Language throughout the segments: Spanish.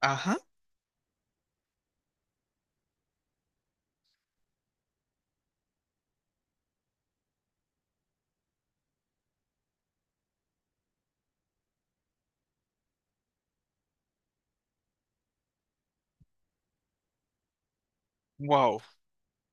Ajá. Wow.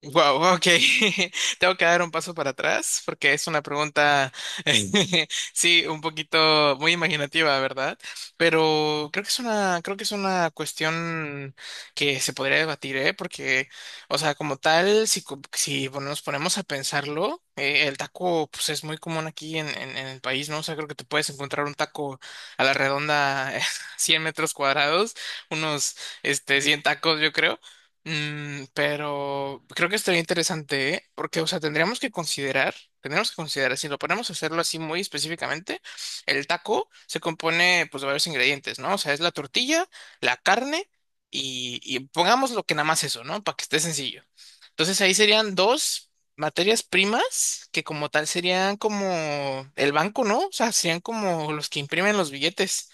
Wow, ok. Tengo que dar un paso para atrás porque es una pregunta, sí, un poquito muy imaginativa, ¿verdad? Pero creo que es una cuestión que se podría debatir, ¿eh? Porque, o sea, como tal, si nos ponemos a pensarlo, el taco, pues es muy común aquí en el país, ¿no? O sea, creo que te puedes encontrar un taco a la redonda, 100 metros cuadrados, unos, 100 tacos, yo creo. Pero creo que estaría interesante, ¿eh? Porque, o sea, tendríamos que considerar, si lo ponemos a hacerlo así muy específicamente, el taco se compone, pues, de varios ingredientes, ¿no? O sea, es la tortilla, la carne y pongamos lo que nada más eso, ¿no? Para que esté sencillo. Entonces ahí serían dos materias primas que como tal serían como el banco, ¿no? O sea, serían como los que imprimen los billetes.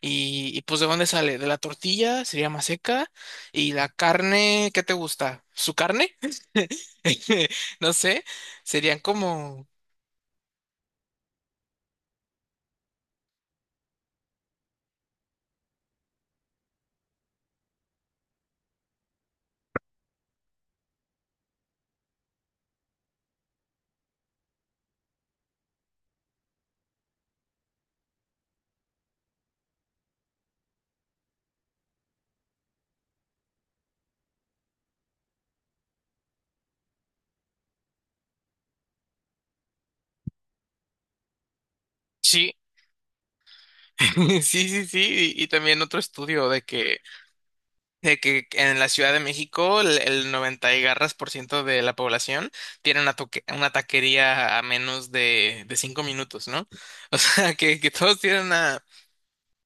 Y pues, ¿de dónde sale? De la tortilla, sería más, y la carne, ¿qué te gusta? ¿Su carne? No sé, serían como... Sí, sí, sí, sí. Y también otro estudio de que, en la Ciudad de México el 90 y garras por ciento de la población tiene una taquería a menos de 5 minutos, ¿no? O sea, que todos tienen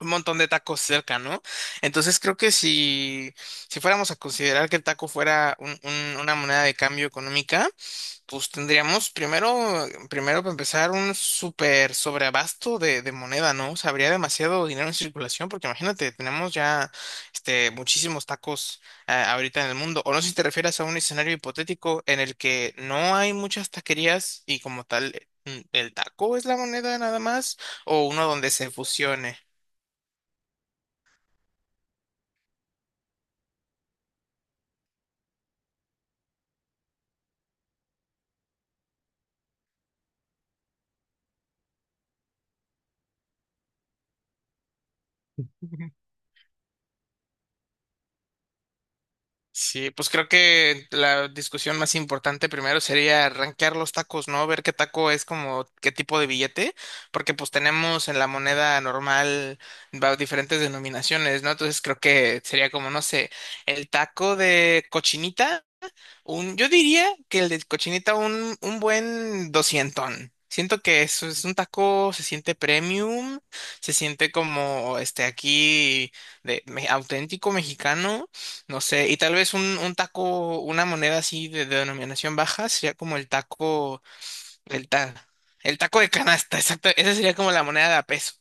un montón de tacos cerca, ¿no? Entonces creo que si fuéramos a considerar que el taco fuera una moneda de cambio económica. Pues tendríamos primero para empezar, un súper sobreabasto de moneda, ¿no? O sea, habría demasiado dinero en circulación, porque imagínate, tenemos ya muchísimos tacos ahorita en el mundo. O no sé si te refieres a un escenario hipotético en el que no hay muchas taquerías y como tal, el taco es la moneda nada más, o uno donde se fusione. Sí, pues creo que la discusión más importante primero sería rankear los tacos, ¿no? Ver qué taco es como qué tipo de billete, porque pues tenemos en la moneda normal diferentes denominaciones, ¿no? Entonces creo que sería como, no sé, el taco de cochinita. Yo diría que el de cochinita un buen doscientón. Siento que eso es un taco, se siente premium, se siente como este aquí de auténtico mexicano, no sé, y tal vez un taco, una moneda así de, denominación baja, sería como el taco. El, ta- el taco de canasta, exacto. Esa sería como la moneda de a peso.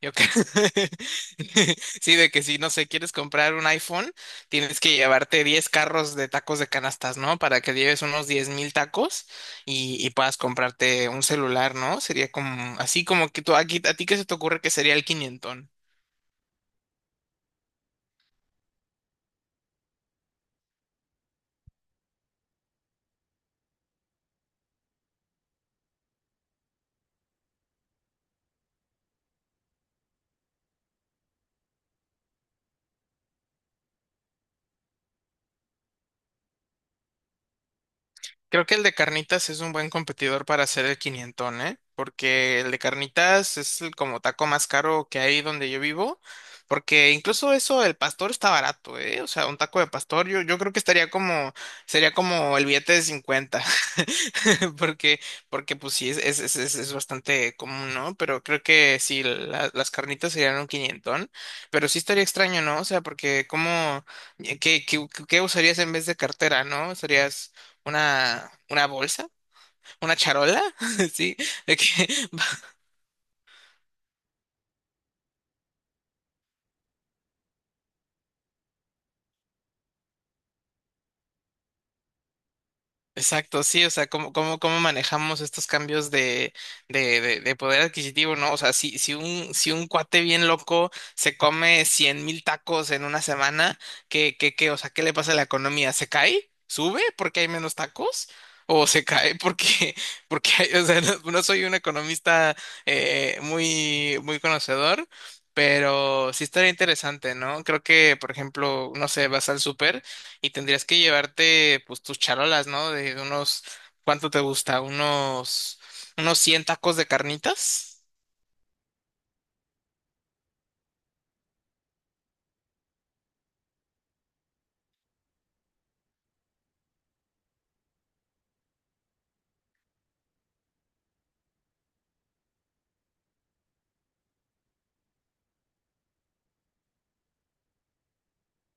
Yo creo. Sí, de que si, no sé, quieres comprar un iPhone, tienes que llevarte 10 carros de tacos de canastas, ¿no? Para que lleves unos 10,000 tacos y puedas comprarte un celular, ¿no? Sería como, así como que tú, aquí, a ti, ¿qué se te ocurre que sería el quinientón? Creo que el de carnitas es un buen competidor para hacer el quinientón, ¿eh? Porque el de carnitas es el como taco más caro que hay donde yo vivo, porque incluso eso, el pastor está barato, ¿eh? O sea, un taco de pastor yo creo que estaría como, sería como el billete de 50. Porque, porque pues sí, es bastante común, ¿no? Pero creo que sí, las carnitas serían un quinientón, pero sí estaría extraño, ¿no? O sea, porque ¿cómo, qué usarías en vez de cartera, ¿no? ¿Usarías una bolsa? ¿Una charola? Sí, de que Exacto, sí, o sea, cómo manejamos estos cambios de poder adquisitivo, ¿no? O sea, si un cuate bien loco se come 100,000 tacos en una semana, ¿Qué? O sea, ¿qué le pasa a la economía? ¿Se cae? ¿Sube porque hay menos tacos? ¿O se cae porque, o sea, no, no soy un economista muy, muy conocedor, pero sí estaría interesante, ¿no? Creo que, por ejemplo, no sé, vas al súper. Y tendrías que llevarte pues tus charolas, ¿no? De unos, ¿cuánto te gusta? Unos 100 tacos de carnitas.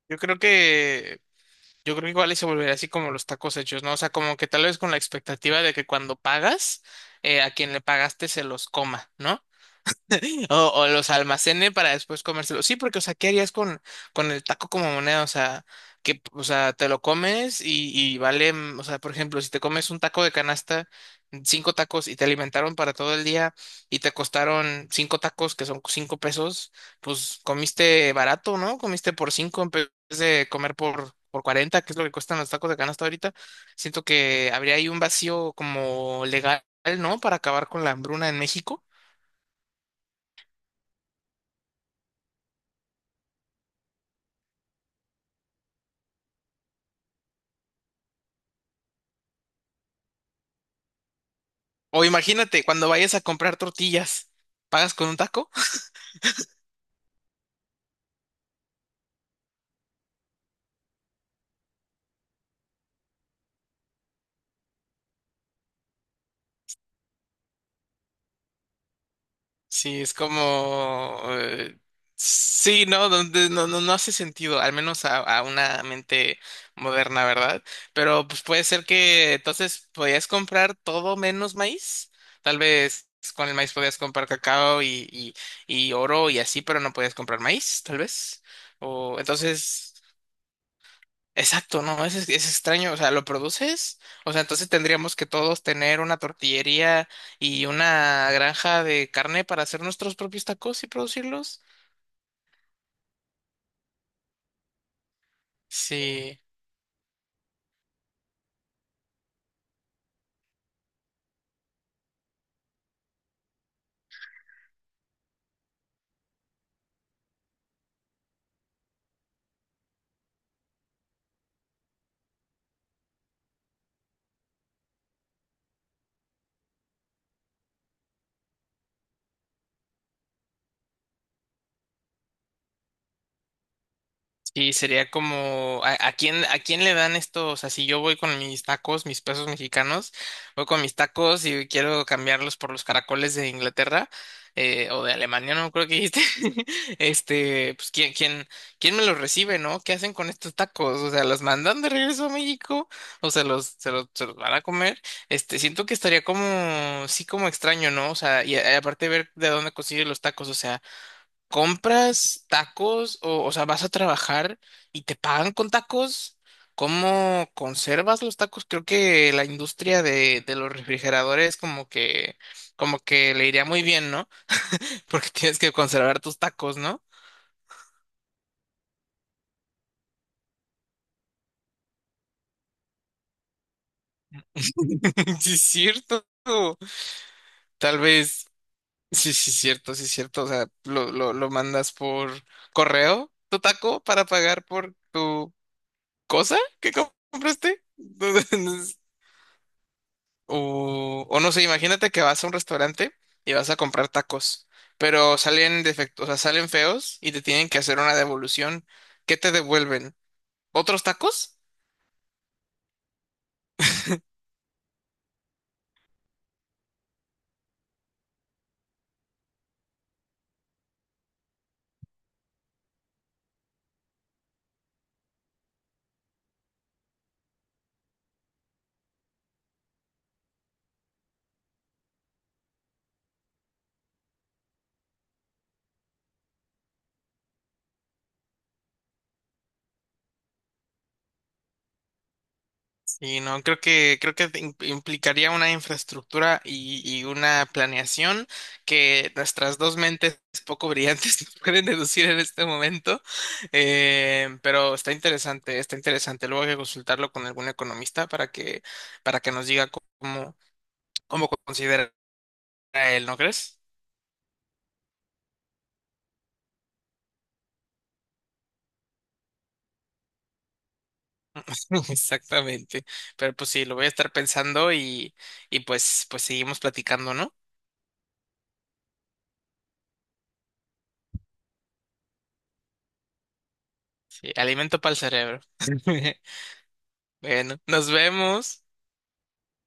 Yo creo que, yo creo que igual y se volvería así como los tacos hechos, ¿no? O sea, como que tal vez con la expectativa de que cuando pagas, a quien le pagaste se los coma, ¿no? O los almacene para después comérselos. Sí, porque, o sea, ¿qué harías con el taco como moneda? O sea, que, o sea, te lo comes y vale, o sea, por ejemplo, si te comes un taco de canasta, 5 tacos y te alimentaron para todo el día y te costaron 5 tacos, que son 5 pesos, pues comiste barato, ¿no? Comiste por 5 en vez de comer por 40, que es lo que cuestan los tacos de canasta ahorita. Siento que habría ahí un vacío como legal, ¿no? Para acabar con la hambruna en México. O imagínate, cuando vayas a comprar tortillas, ¿pagas con un taco? Sí, es como sí, no, no hace sentido, al menos a una mente moderna, ¿verdad? Pero pues puede ser que entonces podías comprar todo menos maíz. Tal vez con el maíz podías comprar cacao y oro y así, pero no podías comprar maíz, tal vez. O entonces... Exacto, no, es extraño, o sea, ¿lo produces? O sea, entonces tendríamos que todos tener una tortillería y una granja de carne para hacer nuestros propios tacos y producirlos. Sí. Sí, sería como, ¿a quién le dan estos? O sea, si yo voy con mis tacos, mis pesos mexicanos, voy con mis tacos y quiero cambiarlos por los caracoles de Inglaterra o de Alemania, no creo que dijiste. Pues, ¿quién me los recibe, no? ¿Qué hacen con estos tacos? O sea, ¿los mandan de regreso a México o se los van a comer? Siento que estaría como, sí, como extraño, ¿no? O sea, y aparte ver de dónde consiguen los tacos, o sea. ¿Compras tacos o sea, vas a trabajar y te pagan con tacos? ¿Cómo conservas los tacos? Creo que la industria de los refrigeradores como que le iría muy bien, ¿no? Porque tienes que conservar tus tacos, ¿no? Sí, es cierto. Tal vez, sí, sí, es cierto, sí, es cierto. O sea, lo mandas por correo, tu taco, para pagar por tu cosa que compraste. O no sé, imagínate que vas a un restaurante y vas a comprar tacos, pero salen defectos, o sea, salen feos y te tienen que hacer una devolución. ¿Qué te devuelven? ¿Otros tacos? Y no, creo que implicaría una infraestructura y una planeación que nuestras dos mentes poco brillantes no pueden deducir en este momento. Pero está interesante, está interesante. Luego hay que consultarlo con algún economista para que nos diga cómo, cómo considera a él, ¿no crees? Exactamente. Pero pues sí, lo voy a estar pensando y pues seguimos platicando, ¿no? Sí, alimento para el cerebro. Bueno, nos vemos.